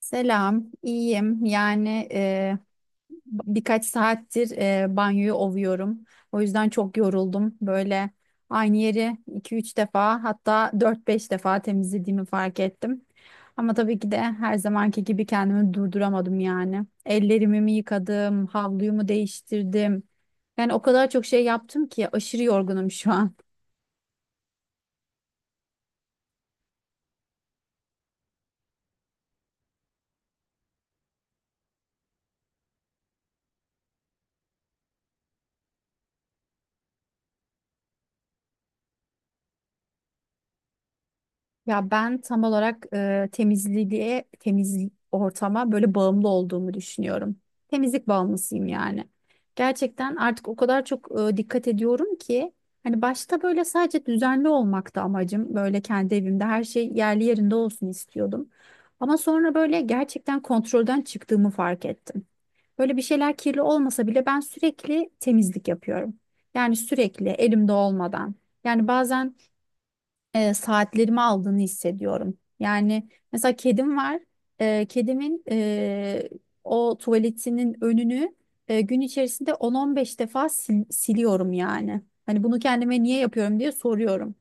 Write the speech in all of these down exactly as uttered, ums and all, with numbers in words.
Selam, iyiyim. Yani e, birkaç saattir e, banyoyu ovuyorum. O yüzden çok yoruldum. Böyle aynı yeri iki üç defa hatta dört beş defa temizlediğimi fark ettim. Ama tabii ki de her zamanki gibi kendimi durduramadım yani. Ellerimi mi yıkadım, havluyu mu değiştirdim. Yani o kadar çok şey yaptım ki aşırı yorgunum şu an. Ya ben tam olarak e, temizliğe, temiz ortama böyle bağımlı olduğumu düşünüyorum. Temizlik bağımlısıyım yani. Gerçekten artık o kadar çok e, dikkat ediyorum ki hani başta böyle sadece düzenli olmakta amacım. Böyle kendi evimde her şey yerli yerinde olsun istiyordum. Ama sonra böyle gerçekten kontrolden çıktığımı fark ettim. Böyle bir şeyler kirli olmasa bile ben sürekli temizlik yapıyorum. Yani sürekli elimde olmadan. Yani bazen e, saatlerimi aldığını hissediyorum. Yani mesela kedim var. E, kedimin e, o tuvaletinin önünü e, gün içerisinde on on beş defa sil- siliyorum yani. Hani bunu kendime niye yapıyorum diye soruyorum.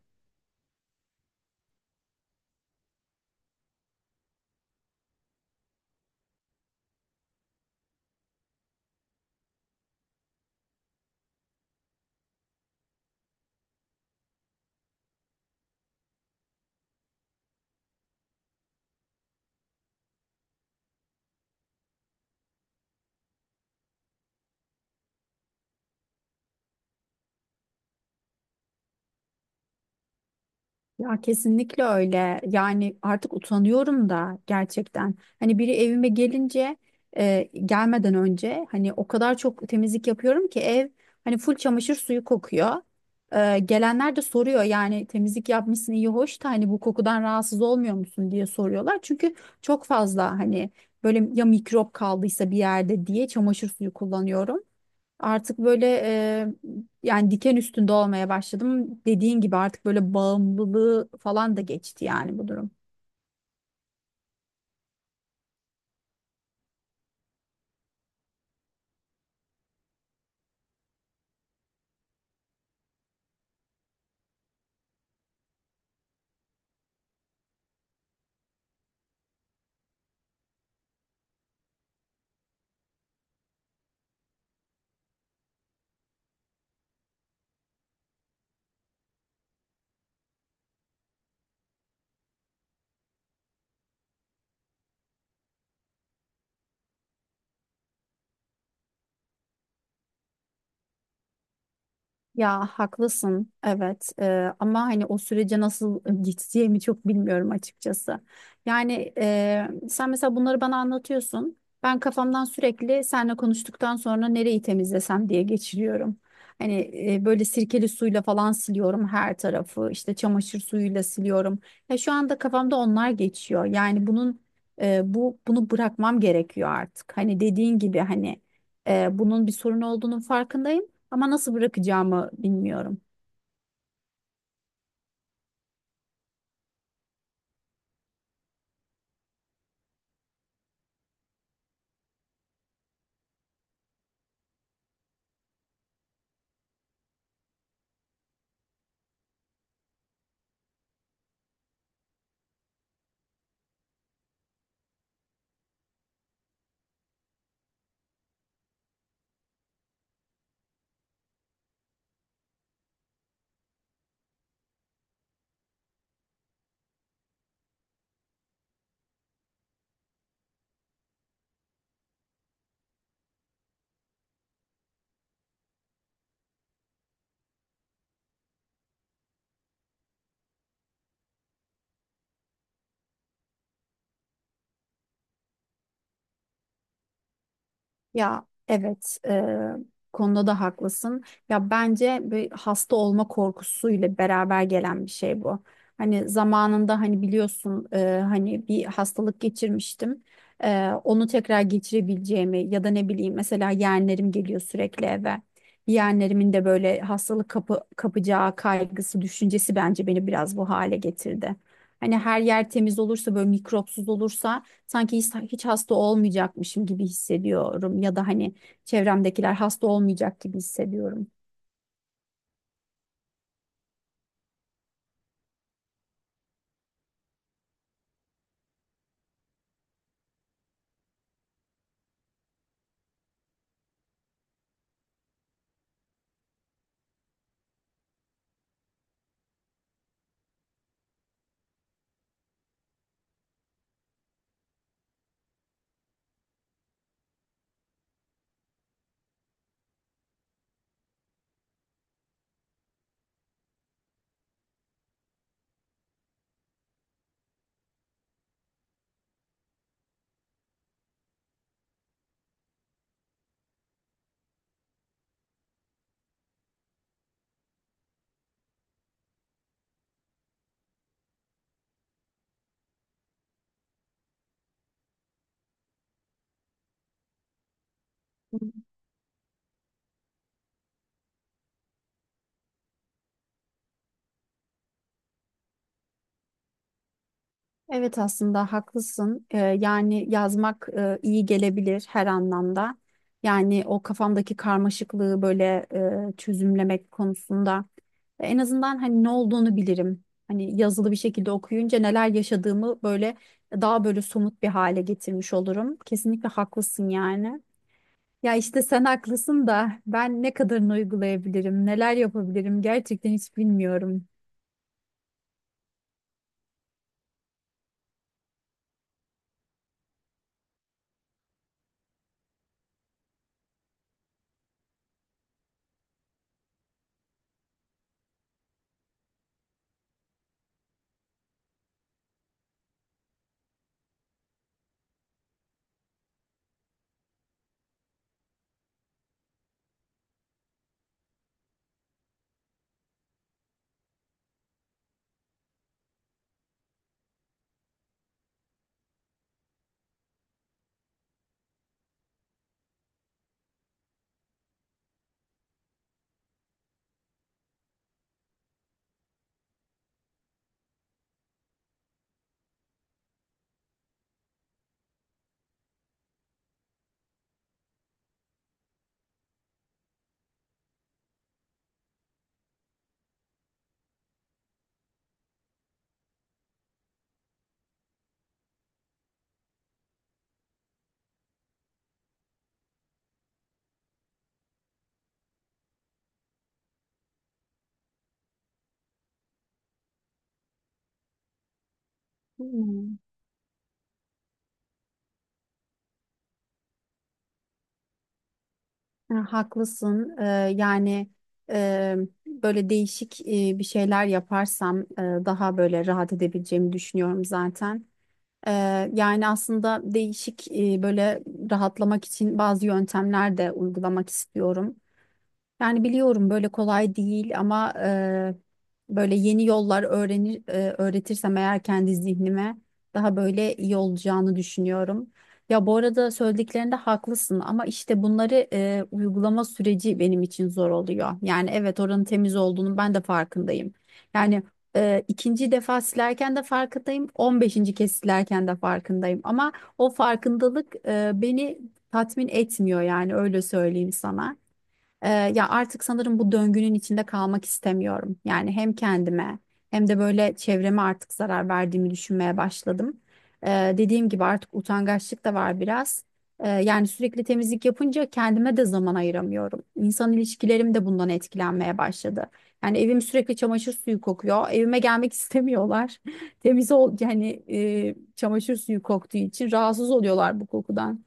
Ya kesinlikle öyle. Yani artık utanıyorum da gerçekten. Hani biri evime gelince e, gelmeden önce hani o kadar çok temizlik yapıyorum ki ev hani full çamaşır suyu kokuyor. E, gelenler de soruyor yani temizlik yapmışsın iyi hoş da hani bu kokudan rahatsız olmuyor musun diye soruyorlar. Çünkü çok fazla hani böyle ya mikrop kaldıysa bir yerde diye çamaşır suyu kullanıyorum. Artık böyle e, yani diken üstünde olmaya başladım. Dediğin gibi artık böyle bağımlılığı falan da geçti yani bu durum. Ya haklısın, evet. Ee, ama hani o sürece nasıl geçeceğimi çok bilmiyorum açıkçası. Yani e, sen mesela bunları bana anlatıyorsun. Ben kafamdan sürekli seninle konuştuktan sonra nereyi temizlesem diye geçiriyorum. Hani e, böyle sirkeli suyla falan siliyorum her tarafı, işte çamaşır suyuyla siliyorum. Ya şu anda kafamda onlar geçiyor. Yani bunun e, bu bunu bırakmam gerekiyor artık. Hani dediğin gibi hani e, bunun bir sorun olduğunun farkındayım. Ama nasıl bırakacağımı bilmiyorum. Ya evet, e, konuda da haklısın. Ya bence bir hasta olma korkusuyla beraber gelen bir şey bu. Hani zamanında hani biliyorsun e, hani bir hastalık geçirmiştim. E, onu tekrar geçirebileceğimi ya da ne bileyim mesela yeğenlerim geliyor sürekli eve. Yeğenlerimin de böyle hastalık kapı, kapacağı kaygısı, düşüncesi bence beni biraz bu hale getirdi. Hani her yer temiz olursa, böyle mikropsuz olursa sanki hiç, hiç hasta olmayacakmışım gibi hissediyorum, ya da hani çevremdekiler hasta olmayacak gibi hissediyorum. Evet, aslında haklısın. Ee, yani yazmak e, iyi gelebilir her anlamda. Yani o kafamdaki karmaşıklığı böyle e, çözümlemek konusunda en azından hani ne olduğunu bilirim. Hani yazılı bir şekilde okuyunca neler yaşadığımı böyle daha böyle somut bir hale getirmiş olurum. Kesinlikle haklısın yani. Ya işte sen haklısın da ben ne kadarını uygulayabilirim, neler yapabilirim gerçekten hiç bilmiyorum. Hmm. Ha, haklısın. Ee, yani e, böyle değişik e, bir şeyler yaparsam e, daha böyle rahat edebileceğimi düşünüyorum zaten. Ee, yani aslında değişik e, böyle rahatlamak için bazı yöntemler de uygulamak istiyorum. Yani biliyorum böyle kolay değil, ama e, böyle yeni yollar öğrenir, e, öğretirsem eğer kendi zihnime daha böyle iyi olacağını düşünüyorum. Ya bu arada söylediklerinde haklısın, ama işte bunları e, uygulama süreci benim için zor oluyor. Yani evet, oranın temiz olduğunu ben de farkındayım. Yani e, ikinci defa silerken de farkındayım, on beşinci kez silerken de farkındayım. Ama o farkındalık e, beni tatmin etmiyor, yani öyle söyleyeyim sana. Ee, ya artık sanırım bu döngünün içinde kalmak istemiyorum. Yani hem kendime hem de böyle çevreme artık zarar verdiğimi düşünmeye başladım. Ee, dediğim gibi artık utangaçlık da var biraz. Ee, yani sürekli temizlik yapınca kendime de zaman ayıramıyorum. İnsan ilişkilerim de bundan etkilenmeye başladı. Yani evim sürekli çamaşır suyu kokuyor. Evime gelmek istemiyorlar. Temiz ol yani, e, çamaşır suyu koktuğu için rahatsız oluyorlar bu kokudan.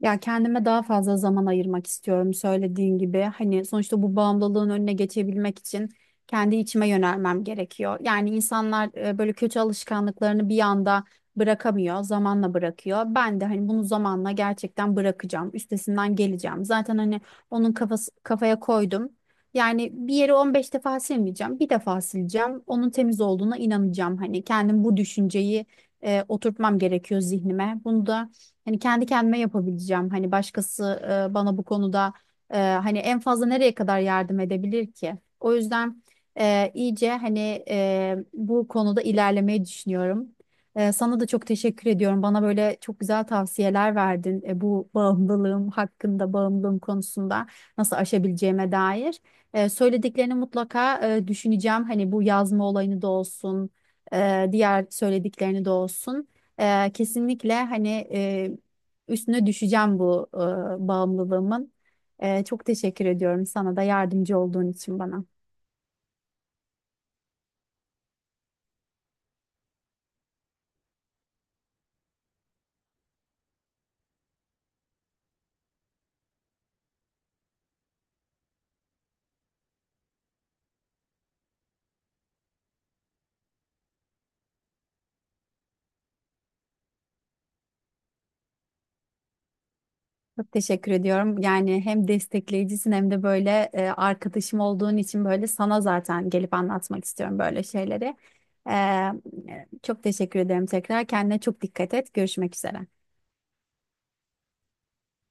Ya kendime daha fazla zaman ayırmak istiyorum, söylediğin gibi. Hani sonuçta bu bağımlılığın önüne geçebilmek için kendi içime yönelmem gerekiyor. Yani insanlar e, böyle kötü alışkanlıklarını bir anda bırakamıyor, zamanla bırakıyor. Ben de hani bunu zamanla gerçekten bırakacağım, üstesinden geleceğim. Zaten hani onun kafası, kafaya koydum. Yani bir yeri on beş defa silmeyeceğim, bir defa sileceğim. Onun temiz olduğuna inanacağım. Hani kendim bu düşünceyi e, oturtmam gerekiyor zihnime. Bunu da hani kendi kendime yapabileceğim. Hani başkası e, bana bu konuda e, hani en fazla nereye kadar yardım edebilir ki? O yüzden e, iyice hani e, bu konuda ilerlemeyi düşünüyorum. E, sana da çok teşekkür ediyorum. Bana böyle çok güzel tavsiyeler verdin e, bu bağımlılığım hakkında, bağımlılığım konusunda nasıl aşabileceğime dair. E, söylediklerini mutlaka e, düşüneceğim. Hani bu yazma olayını da olsun, e, diğer söylediklerini de olsun. Ee, kesinlikle hani e, üstüne düşeceğim bu e, bağımlılığımın. Ee, çok teşekkür ediyorum sana da yardımcı olduğun için bana. Çok teşekkür ediyorum. Yani hem destekleyicisin hem de böyle e, arkadaşım olduğun için böyle sana zaten gelip anlatmak istiyorum böyle şeyleri. Ee, çok teşekkür ederim tekrar. Kendine çok dikkat et. Görüşmek üzere.